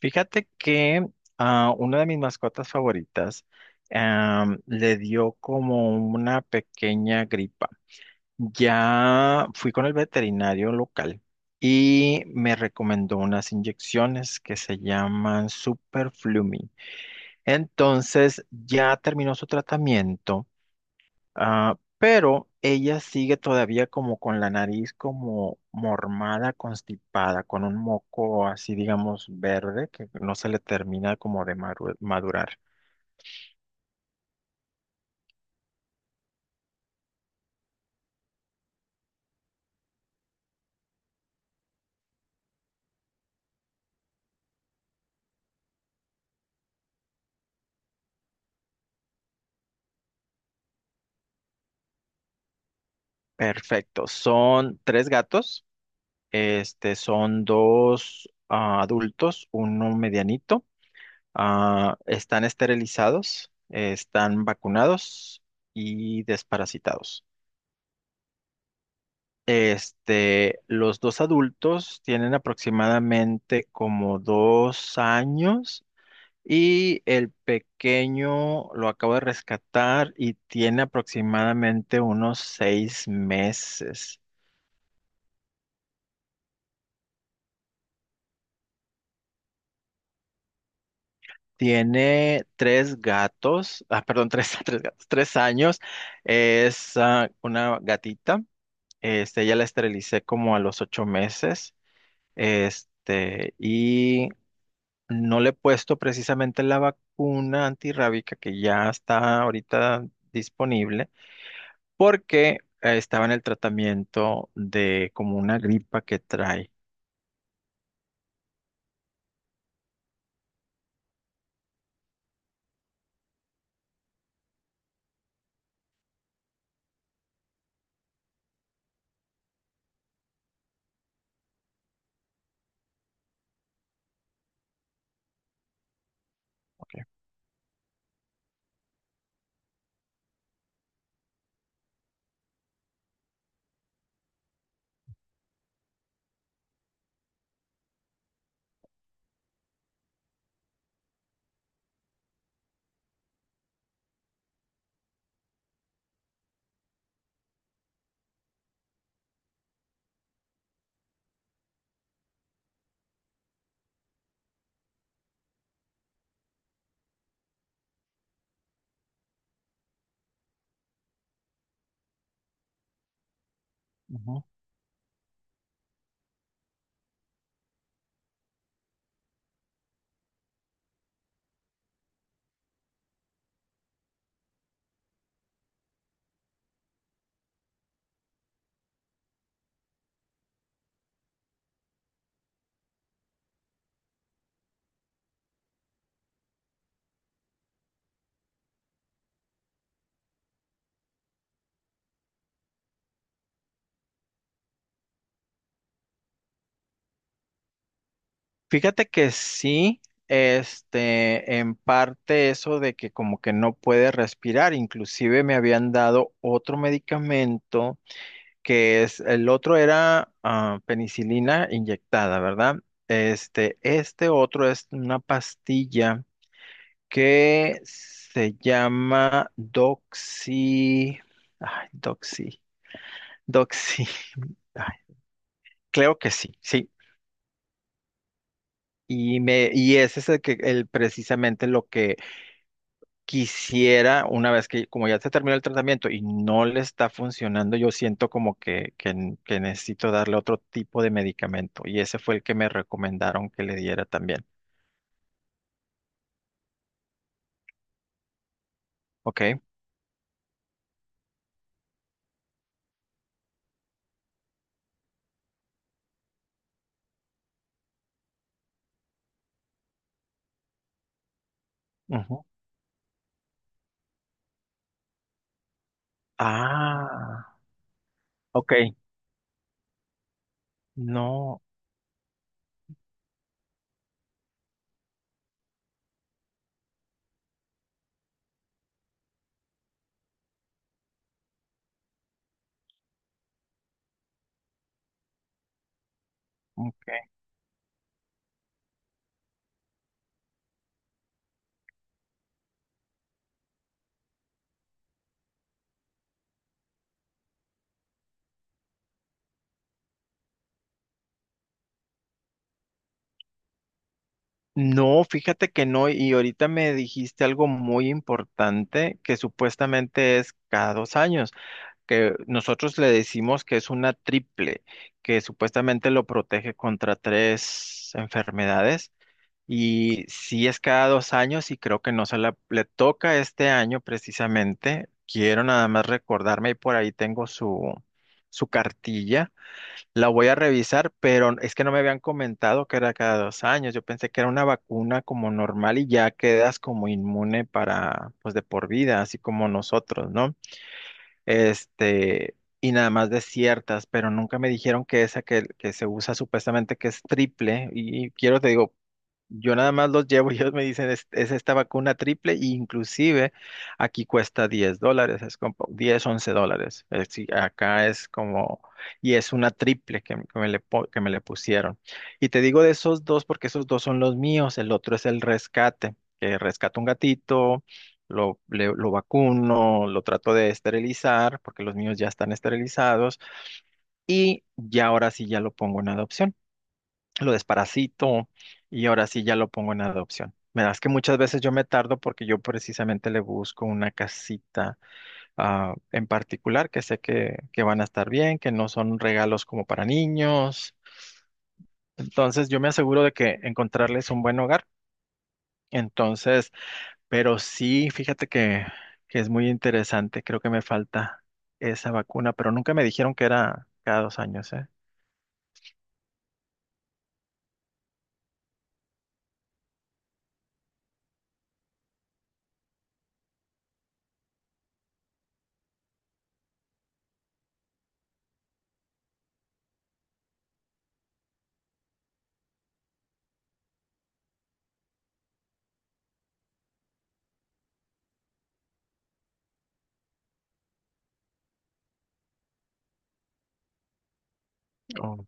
Fíjate que a una de mis mascotas favoritas le dio como una pequeña gripa. Ya fui con el veterinario local y me recomendó unas inyecciones que se llaman Superflumi. Entonces ya terminó su tratamiento. Ah, pero ella sigue todavía como con la nariz como mormada, constipada, con un moco así, digamos, verde, que no se le termina como de madurar. Perfecto. Son tres gatos. Este, son dos, ah, adultos, uno medianito. Ah, están esterilizados, están vacunados y desparasitados. Este, los dos adultos tienen aproximadamente como 2 años y el pequeño lo acabo de rescatar y tiene aproximadamente unos 6 meses. Tiene tres gatos, ah, perdón, tres, tres gatos, 3 años. Es, ah, una gatita. Este, ya la esterilicé como a los 8 meses. Este, y no le he puesto precisamente la vacuna antirrábica que ya está ahorita disponible porque estaba en el tratamiento de como una gripa que trae. Ok. Ujú. Fíjate que sí, este, en parte eso de que como que no puede respirar, inclusive me habían dado otro medicamento que es, el otro era, ah, penicilina inyectada, ¿verdad? Este otro es una pastilla que se llama Doxy. Ay, Doxy. Doxy. Ay, creo que sí, sí. Y ese es el que el, precisamente lo que quisiera, una vez que, como ya se terminó el tratamiento y no le está funcionando, yo siento como que necesito darle otro tipo de medicamento. Y ese fue el que me recomendaron que le diera también. Ok. Ujú. Ah, ok. No. Ok. No, fíjate que no, y ahorita me dijiste algo muy importante que supuestamente es cada 2 años, que nosotros le decimos que es una triple, que supuestamente lo protege contra tres enfermedades, y sí es cada 2 años y creo que no se le toca este año precisamente. Quiero nada más recordarme y por ahí tengo su, su cartilla, la voy a revisar, pero es que no me habían comentado que era cada 2 años. Yo pensé que era una vacuna como normal y ya quedas como inmune para, pues de por vida, así como nosotros, ¿no? Este, y nada más de ciertas, pero nunca me dijeron que esa que se usa supuestamente que es triple. Y quiero, te digo, yo nada más los llevo y ellos me dicen, es esta vacuna triple, e inclusive aquí cuesta $10, es como 10 $11. Es decir, acá es como, y es una triple que me le, que me le pusieron. Y te digo de esos dos porque esos dos son los míos, el otro es el rescate, que rescato un gatito, lo vacuno, lo trato de esterilizar porque los míos ya están esterilizados y ya ahora sí ya lo pongo en adopción, lo desparasito y ahora sí ya lo pongo en adopción. Verás que muchas veces yo me tardo porque yo precisamente le busco una casita, ah, en particular que sé que van a estar bien, que no son regalos como para niños. Entonces yo me aseguro de que encontrarles un buen hogar. Entonces, pero sí, fíjate que es muy interesante. Creo que me falta esa vacuna, pero nunca me dijeron que era cada 2 años, ¿eh? Oh,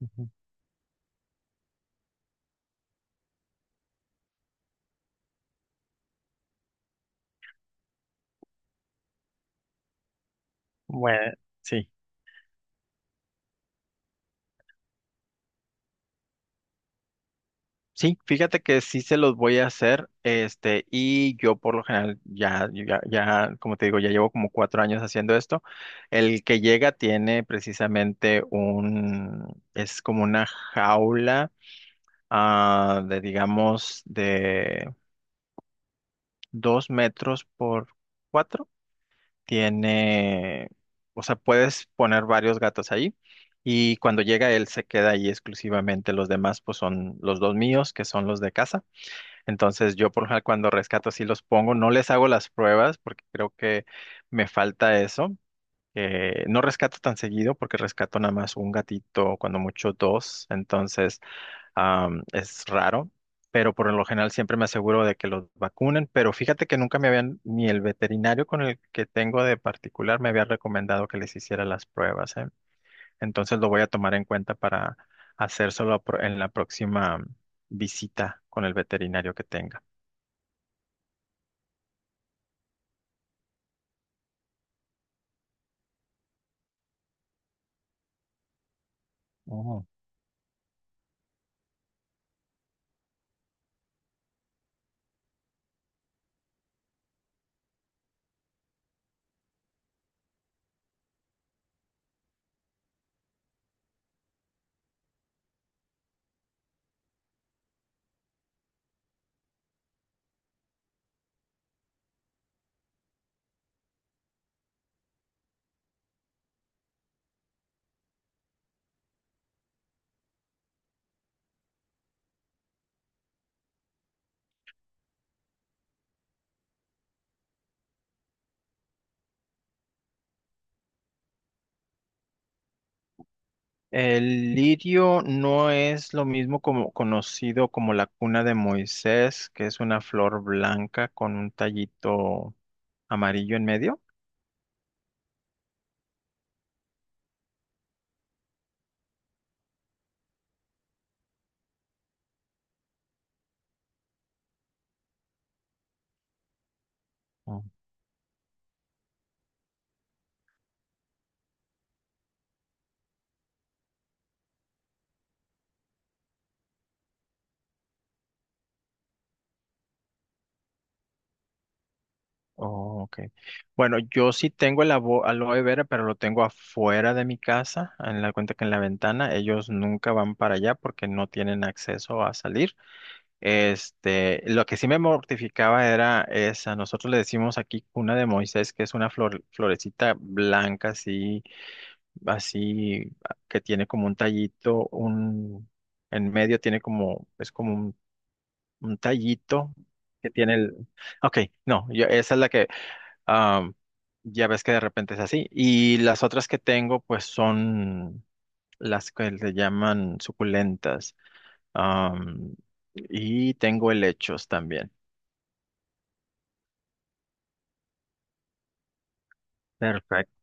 ujú. Bueno, sí. Sí, fíjate que sí se los voy a hacer, este, y yo por lo general ya, yo ya, ya, como te digo, ya llevo como 4 años haciendo esto. El que llega tiene precisamente un, es como una jaula, ah, de digamos, de 2 metros por cuatro. Tiene, o sea, puedes poner varios gatos ahí. Y cuando llega él se queda ahí exclusivamente. Los demás, pues son los dos míos, que son los de casa. Entonces yo por lo general cuando rescato sí los pongo, no les hago las pruebas porque creo que me falta eso. No rescato tan seguido porque rescato nada más un gatito, cuando mucho dos, entonces, es raro, pero por lo general siempre me aseguro de que los vacunen, pero fíjate que nunca me habían, ni el veterinario con el que tengo de particular me había recomendado que les hiciera las pruebas, ¿eh? Entonces lo voy a tomar en cuenta para hacérselo en la próxima visita con el veterinario que tenga. Ujú. El lirio no es lo mismo como conocido como la cuna de Moisés, que es una flor blanca con un tallito amarillo en medio. Ujú. Oh, ok. Bueno, yo sí tengo el aloe vera, pero lo tengo afuera de mi casa, en la cuenta que en la ventana. Ellos nunca van para allá porque no tienen acceso a salir. Este, lo que sí me mortificaba era esa, nosotros le decimos aquí cuna de Moisés, que es una flor, florecita blanca así, así, que tiene como un tallito, un, en medio tiene como, es como un tallito que tiene el, ok, no, yo, esa es la que, am, ya ves que de repente es así, y las otras que tengo pues son las que se llaman suculentas. Am, y tengo helechos también. Perfecto.